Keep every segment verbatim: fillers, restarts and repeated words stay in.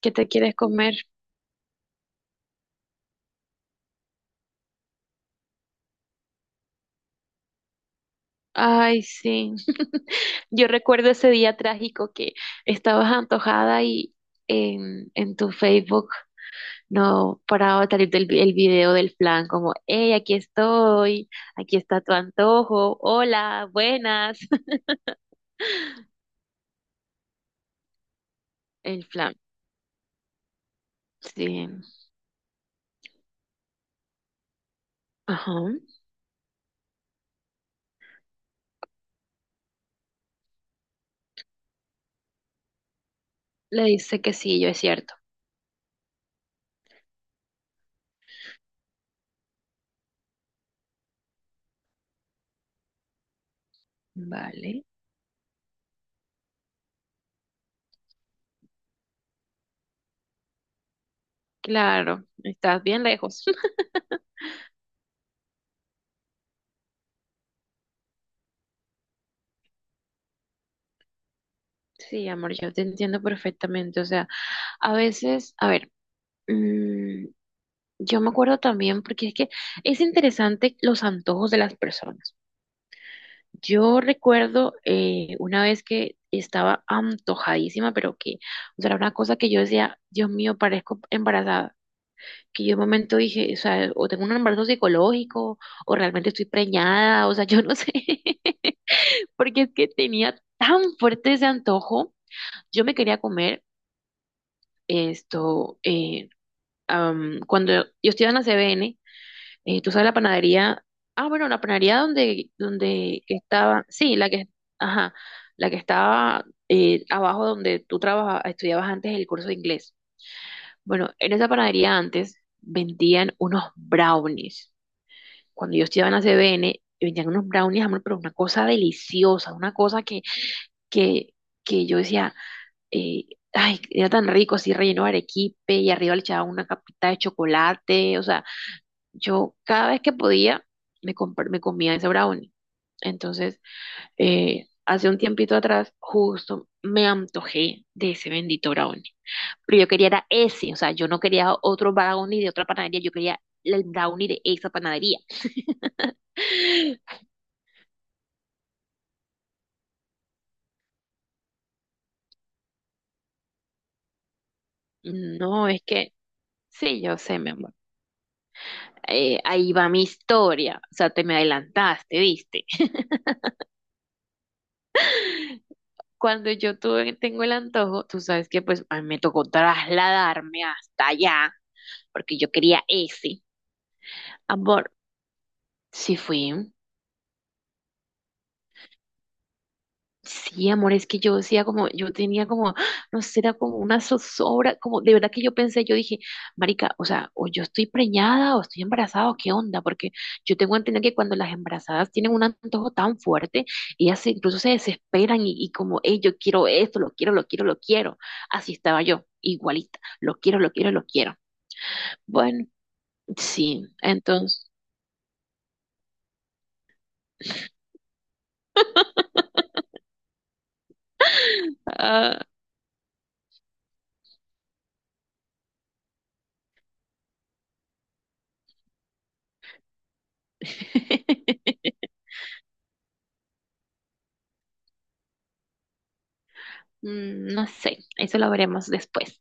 ¿Qué te quieres comer? Ay, sí. Yo recuerdo ese día trágico que estabas antojada y en, en tu Facebook no paraba de salir del vi- el video del flan, como, hey, aquí estoy, aquí está tu antojo, hola, buenas. El flan, sí. Ajá. Le dice que sí, yo es cierto. Vale. Claro, estás bien lejos. Sí, amor, yo te entiendo perfectamente. O sea, a veces, a ver. mm, Yo me acuerdo también, porque es que es interesante los antojos de las personas. Yo recuerdo eh, una vez que estaba antojadísima, pero que, o sea, era una cosa que yo decía, Dios mío, parezco embarazada. Que yo en un momento dije, o sea, o tengo un embarazo psicológico, o realmente estoy preñada, o sea, yo no sé, porque es que tenía tan fuerte ese antojo. Yo me quería comer esto, eh, am, cuando yo estudiaba en la C B N, Eh, tú sabes la panadería, ah, bueno, la panadería donde, donde que estaba, sí, la que, ajá, la que estaba eh, abajo donde tú trabaja- estudiabas antes el curso de inglés. Bueno, en esa panadería antes vendían unos brownies. Cuando yo estudiaba en la C B N, vendían unos brownies, amor, pero una cosa deliciosa, una cosa que, que, que yo decía, eh, ay, era tan rico, así relleno de arequipe y arriba le echaban una capita de chocolate, o sea, yo cada vez que podía me, compr- me comía ese brownie. Entonces, eh, hace un tiempito atrás, justo me antojé de ese bendito brownie. Pero yo quería era ese, o sea, yo no quería otro brownie de otra panadería, yo quería el brownie de esa panadería. No, es que, sí, yo sé, mi amor. Eh, ahí va mi historia, o sea, te me adelantaste, ¿viste? Cuando yo tuve, tengo el antojo, tú sabes que pues a mí me tocó trasladarme hasta allá porque yo quería ese. Amor, sí fui. Sí, amor, es que yo decía como, yo tenía como, no sé, era como una zozobra, como de verdad que yo pensé, yo dije, marica, o sea, o yo estoy preñada o estoy embarazada, o qué onda, porque yo tengo que entender que cuando las embarazadas tienen un antojo tan fuerte, ellas se- incluso se desesperan y, y como, hey, yo quiero esto, lo quiero, lo quiero, lo quiero. Así estaba yo, igualita, lo quiero, lo quiero, lo quiero. Bueno, sí, entonces, ah. Mm, no sé, eso lo veremos después.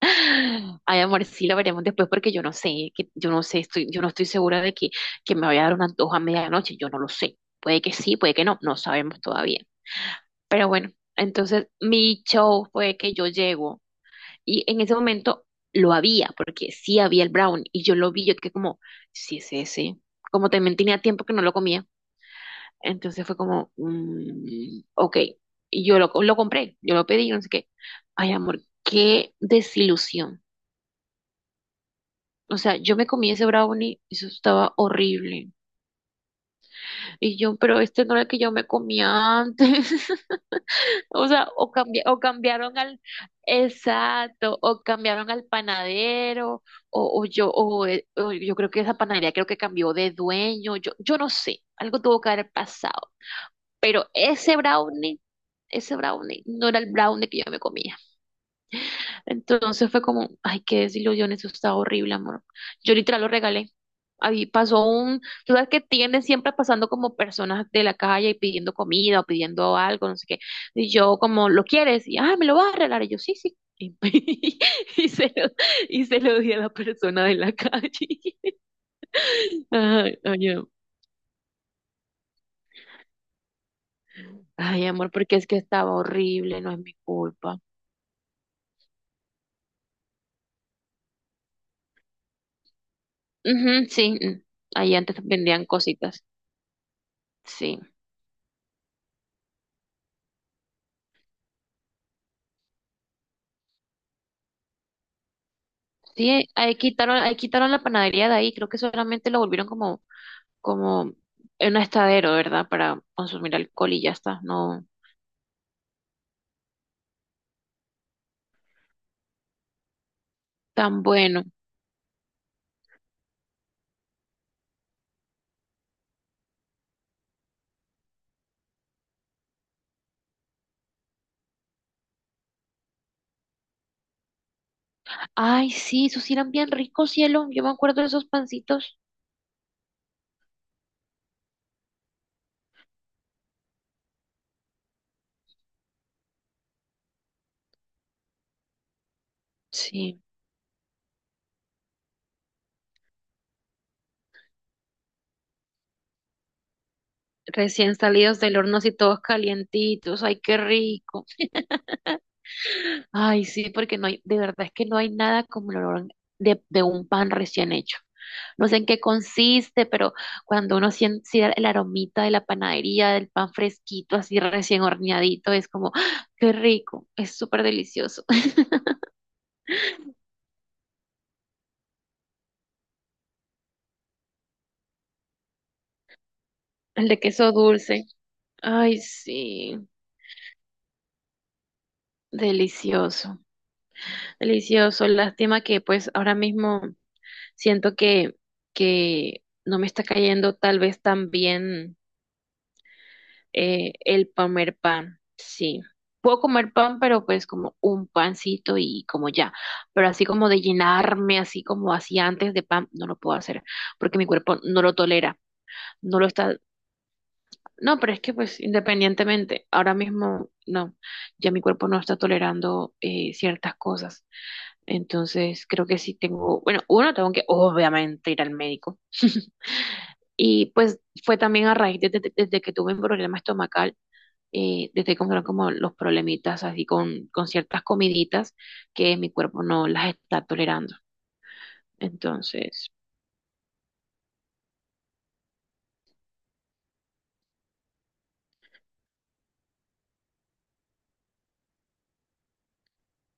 Ay, amor, sí lo veremos después porque yo no sé, que yo no sé, estoy, yo no estoy segura de que, que me vaya a dar un antojo a medianoche, yo no lo sé. Puede que sí, puede que no, no sabemos todavía. Pero bueno, entonces mi show fue que yo llego y en ese momento lo había, porque sí había el brown y yo lo vi, yo que como, sí es ese, como también tenía tiempo que no lo comía. Entonces fue como, mm, ok, y yo lo, lo compré, yo lo pedí, no sé qué. Ay, amor, qué desilusión. O sea, yo me comí ese brownie, eso estaba horrible. Y yo, pero este no era el que yo me comía antes. O sea, o, cambi- o cambiaron al, exacto, o cambiaron al panadero, o, o yo, o, eh, o yo creo que esa panadería creo que cambió de dueño, yo, yo no sé, algo tuvo que haber pasado. Pero ese brownie, ese brownie no era el brownie que yo me comía. Entonces fue como, ay, qué desilusión, eso está horrible, amor. Yo literal lo regalé. Ahí pasó un, tú sabes que tienden siempre pasando como personas de la calle y pidiendo comida o pidiendo algo, no sé qué. Y yo como, ¿lo quieres? Y, ay, ¿me lo vas a regalar? Y yo, sí, sí. Y, y se lo, y se lo di a la persona de la calle. Ay, ay, am- ay, amor, porque es que estaba horrible, no es mi culpa. Ujú, sí, mm, ahí antes vendían cositas. Sí. Sí, eh, ahí quitaron, ahí quitaron la panadería de ahí, creo que solamente lo volvieron como, como un estadero, ¿verdad? Para consumir alcohol y ya está, no tan bueno. Ay, sí, esos sí eran bien ricos, cielo. Yo me acuerdo de esos pancitos. Sí, recién salidos del horno así todos calientitos. Ay, qué rico. Ay, sí, porque no hay, de verdad es que no hay nada como el olor de, de un pan recién hecho. No sé en qué consiste, pero cuando uno siente el aromita de la panadería, del pan fresquito, así recién horneadito, es como, ¡ah! Qué rico, es súper delicioso. El de queso dulce, ay, sí, delicioso, delicioso. Lástima que pues ahora mismo siento que, que no me está cayendo tal vez tan bien. Eh, el comer pan, sí. Puedo comer pan, pero pues como un pancito y como ya. Pero así como de llenarme, así como hacía antes de pan, no lo puedo hacer, porque mi cuerpo no lo tolera, no lo está. No, pero es que pues independientemente, ahora mismo no, ya mi cuerpo no está tolerando eh, ciertas cosas. Entonces creo que sí tengo, bueno, uno tengo que obviamente ir al médico. Y pues fue también a raíz de, de- de- desde que tuve un problema estomacal eh, te estoy encontrando como los problemitas así con, con ciertas comiditas que mi cuerpo no las está tolerando. Entonces,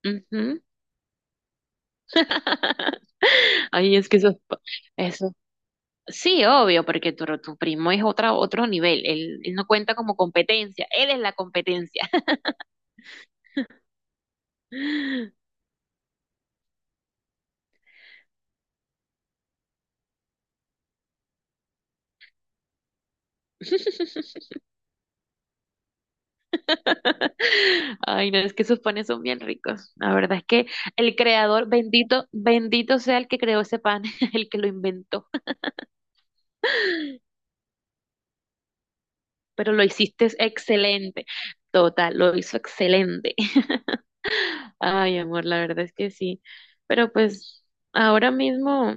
ujú. Ay, es que eso, eso, sí, obvio, porque tu, tu primo es otra, otro nivel, él, él no cuenta como competencia, él es la competencia. Ay, no, es que esos panes son bien ricos. La verdad es que el creador, bendito, bendito sea el que creó ese pan, el que lo inventó. Pero lo hiciste excelente. Total, lo hizo excelente. Ay, amor, la verdad es que sí. Pero pues ahora mismo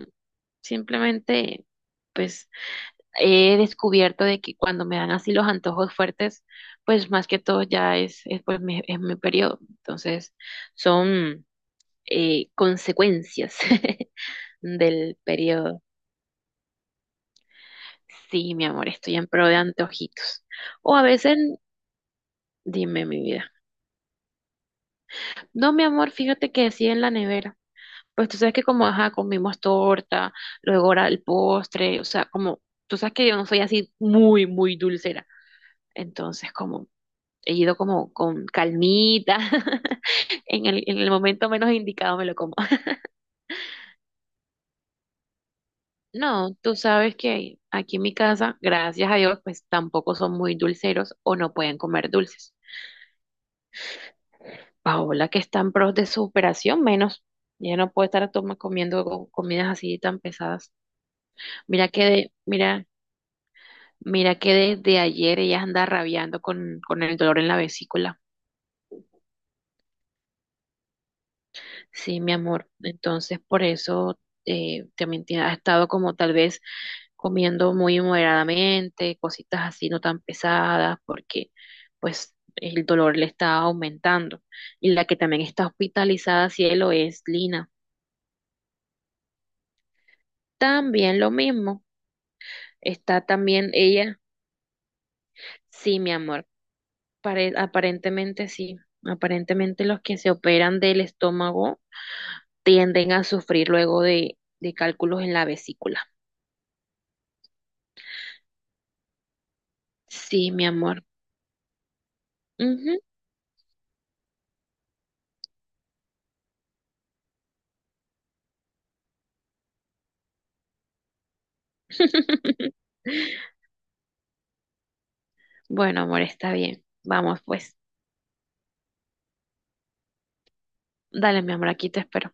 simplemente pues he descubierto de que cuando me dan así los antojos fuertes, pues más que todo ya es, es, pues mi, es mi periodo. Entonces son eh, consecuencias del periodo. Sí, mi amor, estoy en pro de antojitos. O a veces, dime mi vida. No, mi amor, fíjate que sí en la nevera. Pues tú sabes que como, ajá, comimos torta, luego ahora el postre, o sea, como, tú sabes que yo no soy así muy, muy dulcera. Entonces, como, he ido como con calmita, en el, en el momento menos indicado me lo como. No, tú sabes que aquí en mi casa, gracias a Dios, pues tampoco son muy dulceros o no pueden comer dulces. Paola, que está en pros de su operación, menos. Ya no puede estar toma- comiendo co- comidas así tan pesadas. Mira que de, mira, mira que desde ayer ella anda rabiando con, con el dolor en la vesícula. Sí, mi amor. Entonces, por eso eh, también tiene- ha estado como tal vez comiendo muy moderadamente, cositas así no tan pesadas, porque pues el dolor le está aumentando. Y la que también está hospitalizada, cielo, es Lina. También lo mismo. Está también ella. Sí, mi amor. Pare- aparentemente sí. Aparentemente los que se operan del estómago tienden a sufrir luego de, de cálculos en la vesícula. Sí, mi amor. Ujú. Bueno, amor, está bien. Vamos, pues. Dale, mi amor, aquí te espero.